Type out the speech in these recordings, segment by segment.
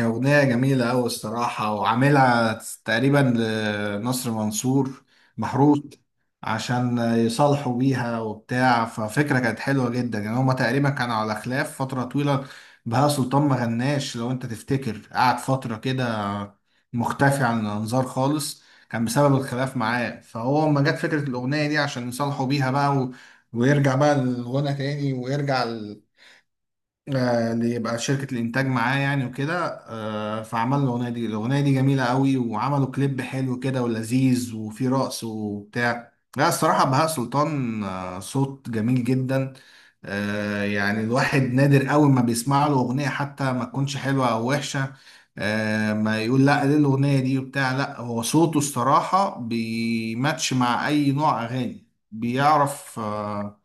أغنية جميلة أوي الصراحة وعاملها تقريبا لنصر منصور محروس عشان يصالحوا بيها وبتاع، ففكرة كانت حلوة جدا. يعني هما تقريبا كانوا على خلاف فترة طويلة. بهاء سلطان ما غناش، لو أنت تفتكر قعد فترة كده مختفي عن الأنظار خالص، كان بسبب الخلاف معاه. فهو لما جت فكرة الأغنية دي عشان يصالحوا بيها بقى و... ويرجع بقى الغنى تاني، ويرجع اللي يبقى شركة الإنتاج معاه يعني وكده. فعمل الأغنية دي. الأغنية دي جميلة قوي، وعملوا كليب حلو كده ولذيذ وفيه رقص وبتاع. لا الصراحة بهاء سلطان، صوت جميل جدا. يعني الواحد نادر قوي ما بيسمع له أغنية حتى ما تكونش حلوة أو وحشة. ما يقول لا ليه الأغنية دي وبتاع. لا، هو صوته الصراحة بيماتش مع أي نوع أغاني. بيعرف،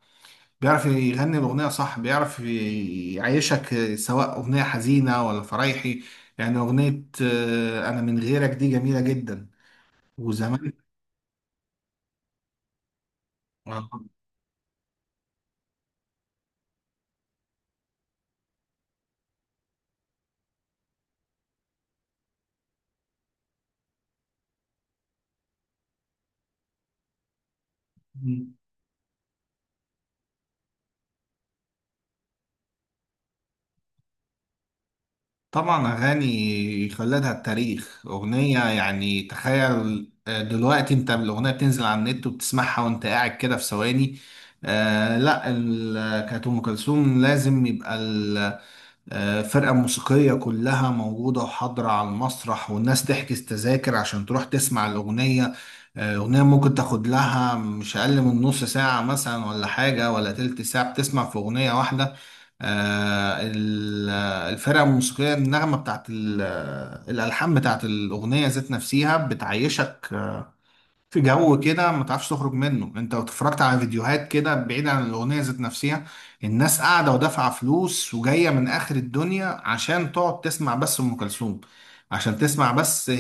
بيعرف يغني الأغنية صح، بيعرف يعيشك سواء أغنية حزينة ولا فرايحي. يعني أغنية أنا من غيرك دي جميلة جدا وزمان. آه. طبعا أغاني خلدها التاريخ. أغنية، يعني تخيل، دلوقتي أنت الأغنية بتنزل على النت وبتسمعها وأنت قاعد كده في ثواني. آه لا، كانت أم كلثوم لازم يبقى فرقة موسيقية كلها موجودة وحاضرة على المسرح، والناس تحجز تذاكر عشان تروح تسمع الأغنية. أغنية ممكن تاخد لها مش أقل من نص ساعة مثلا ولا حاجة، ولا تلت ساعة بتسمع في أغنية واحدة. الفرقة الموسيقية، النغمة بتاعت الألحان بتاعت الأغنية ذات نفسها بتعيشك في جو كده ما تعرفش تخرج منه. انت لو اتفرجت على فيديوهات كده بعيد عن الاغنيه ذات نفسها، الناس قاعده ودافعه فلوس وجايه من اخر الدنيا عشان تقعد تسمع بس ام كلثوم، عشان تسمع بس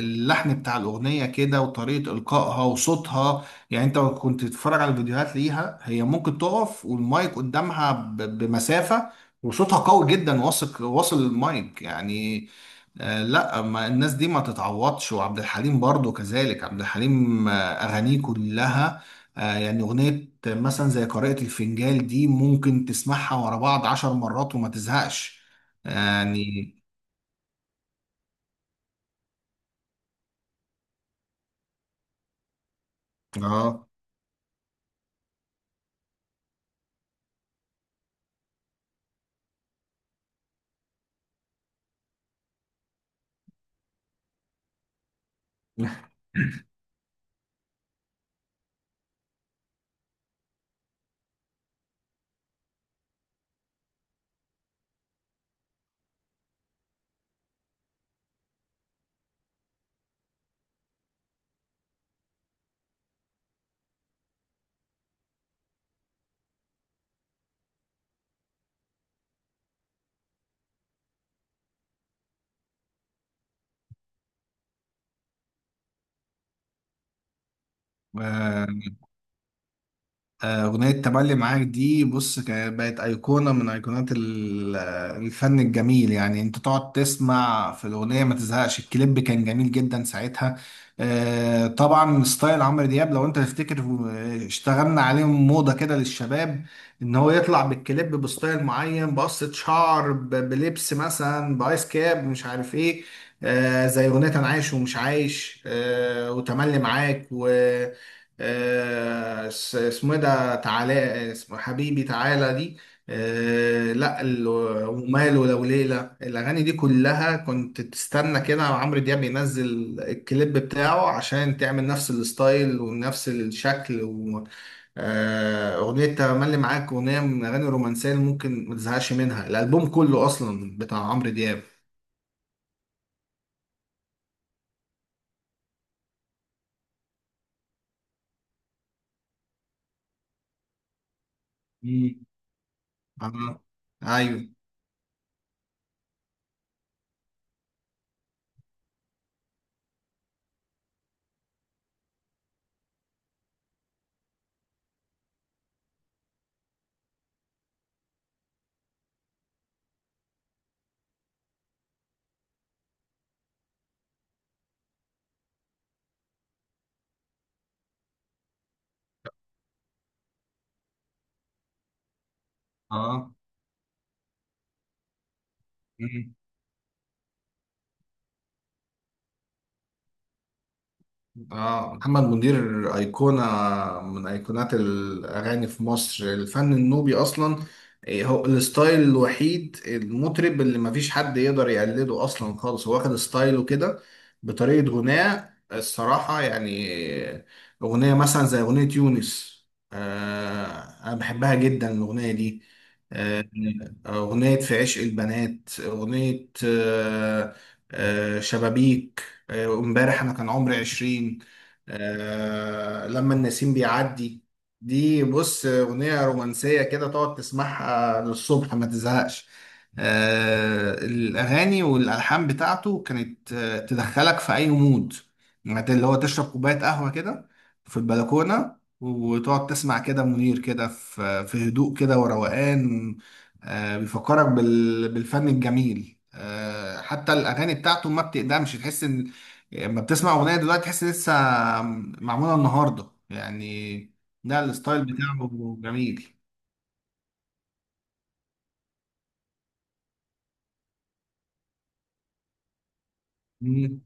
اللحن بتاع الاغنيه كده وطريقه القائها وصوتها. يعني انت لو كنت تتفرج على الفيديوهات ليها، هي ممكن تقف والمايك قدامها بمسافه وصوتها قوي جدا واصل، واصل المايك يعني. لا، ما الناس دي ما تتعوضش. وعبد الحليم برضو كذلك. عبد الحليم أغانيه كلها يعني أغنية مثلا زي قارئة الفنجال دي ممكن تسمعها ورا بعض 10 مرات وما تزهقش يعني. اه. آه، أغنية تملي معاك دي، بص، كانت بقت أيقونة من أيقونات الفن الجميل. يعني أنت تقعد تسمع في الأغنية ما تزهقش. الكليب كان جميل جدا ساعتها. طبعا ستايل عمرو دياب، لو أنت تفتكر، اشتغلنا عليهم موضة كده للشباب، إن هو يطلع بالكليب بستايل معين بقصة شعر، بلبس مثلا بآيس كاب مش عارف إيه. زي أغنية أنا عايش ومش عايش، وتملي معاك و اسمه ايه ده، تعالى، اسمه حبيبي تعالى دي. آه لا وماله لو ليلة. الأغاني دي كلها كنت تستنى كده عمرو دياب ينزل الكليب بتاعه عشان تعمل نفس الستايل ونفس الشكل أغنية تملي معاك، أغنية من الأغاني الرومانسية اللي ممكن ما تزهقش منها. الألبوم كله أصلا بتاع عمرو دياب. مم. اه. أيوه. اه. آه محمد منير أيقونة من أيقونات الأغاني في مصر. الفن النوبي أصلا، إيه، هو الستايل الوحيد. المطرب اللي مفيش حد يقدر يقلده أصلا خالص، هو واخد ستايله كده بطريقة غناء الصراحة يعني. أغنية مثلا زي أغنية يونس، آه، أنا بحبها جدا الأغنية دي. آه، أغنية في عشق البنات، أغنية شبابيك، امبارح أنا كان عمري 20، لما النسيم بيعدي. دي بص أغنية رومانسية كده تقعد تسمعها للصبح ما تزهقش. الأغاني والألحان بتاعته كانت تدخلك في أي مود. يعني اللي هو تشرب كوباية قهوة كده في البلكونة وتقعد تسمع كده منير كده في هدوء كده وروقان. بيفكرك بالفن الجميل. حتى الأغاني بتاعته ما بتقدمش، تحس إن لما بتسمع أغنية دلوقتي تحس لسه معمولة النهاردة يعني. ده الستايل بتاعه جميل. مم.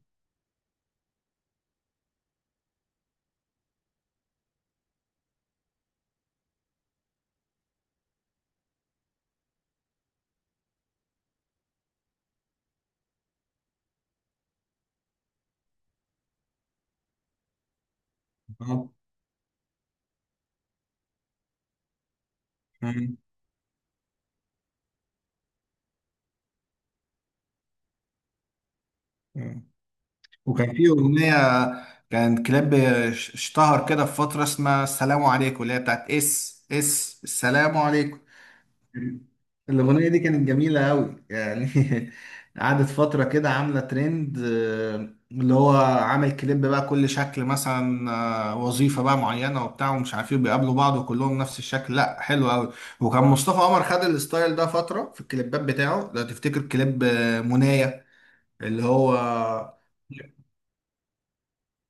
آه. مم. آه. وكان في أغنية، كان كلاب اشتهر كده في فترة اسمها السلام عليكم، اللي هي بتاعت اس اس السلام عليكم. الأغنية دي كانت جميلة أوي يعني. قعدت فترة كده عاملة ترند. اللي هو عامل كليب بقى كل شكل، مثلا وظيفة بقى معينة وبتاع ومش عارف ايه، بيقابلوا بعض وكلهم نفس الشكل. لا حلو أوي. وكان مصطفى عمر خد الستايل ده فترة في الكليبات بتاعه. لو تفتكر كليب منايا، اللي هو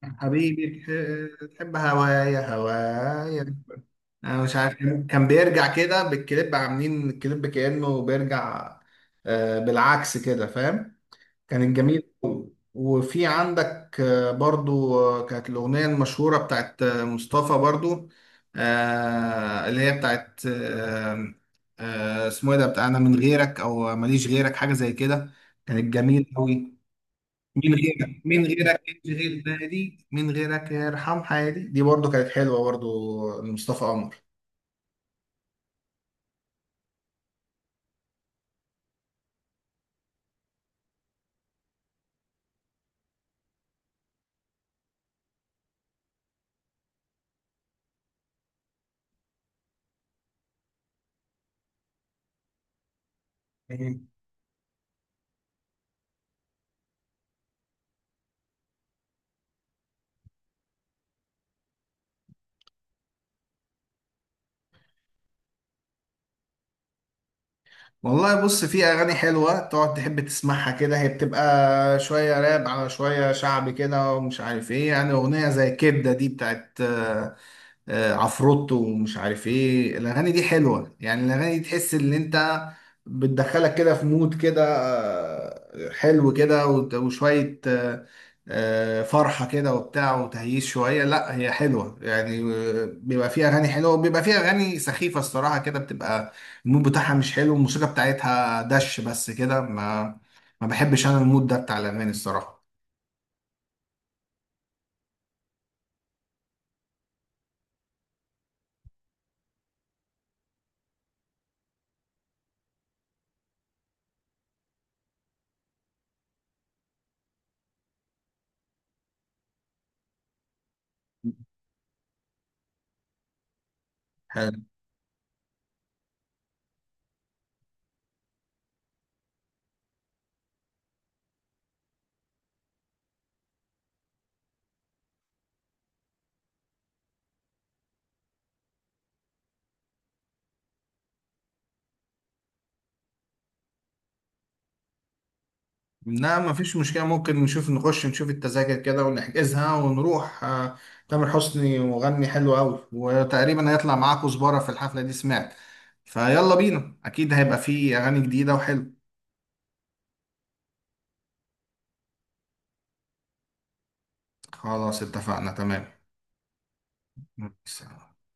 حبيبي تحب هوايا هوايا. انا مش عارف، كان بيرجع كده بالكليب، عاملين الكليب كأنه بيرجع بالعكس كده، فاهم. كانت جميل أوي. وفي عندك برضو كانت الأغنية المشهورة بتاعت مصطفى برضو اللي هي بتاعت اسمه ايه ده، بتاع انا من غيرك او ماليش غيرك، حاجة زي كده. كانت جميل قوي. من غيرك، من غيرك مش غير نادي، من غيرك يرحم حياتي، دي برضو كانت حلوة برضو لمصطفى قمر. والله بص، في اغاني حلوه تقعد تحب تسمعها كده. هي بتبقى شويه راب على شويه شعبي كده ومش عارف ايه. يعني اغنيه زي كبده دي بتاعت عفروتو ومش عارف ايه، الاغاني دي حلوه. يعني الاغاني دي تحس ان انت، بتدخلك كده في مود كده حلو كده وشويه فرحه كده وبتاع وتهييس شويه. لا هي حلوه يعني. بيبقى فيها اغاني حلوه وبيبقى فيها اغاني سخيفه الصراحه. كده بتبقى المود بتاعها مش حلو، الموسيقى بتاعتها دش بس كده. ما بحبش انا المود ده بتاع الاغاني الصراحه. لا مفيش مشكلة، ممكن نشوف نخش نشوف التذاكر كده ونحجزها ونروح. تامر حسني مغني حلو أوي، وتقريبا هيطلع معاه كزبرة في الحفلة دي، سمعت فيلا بينا. أكيد هيبقى فيه أغاني جديدة وحلو. خلاص اتفقنا. تمام.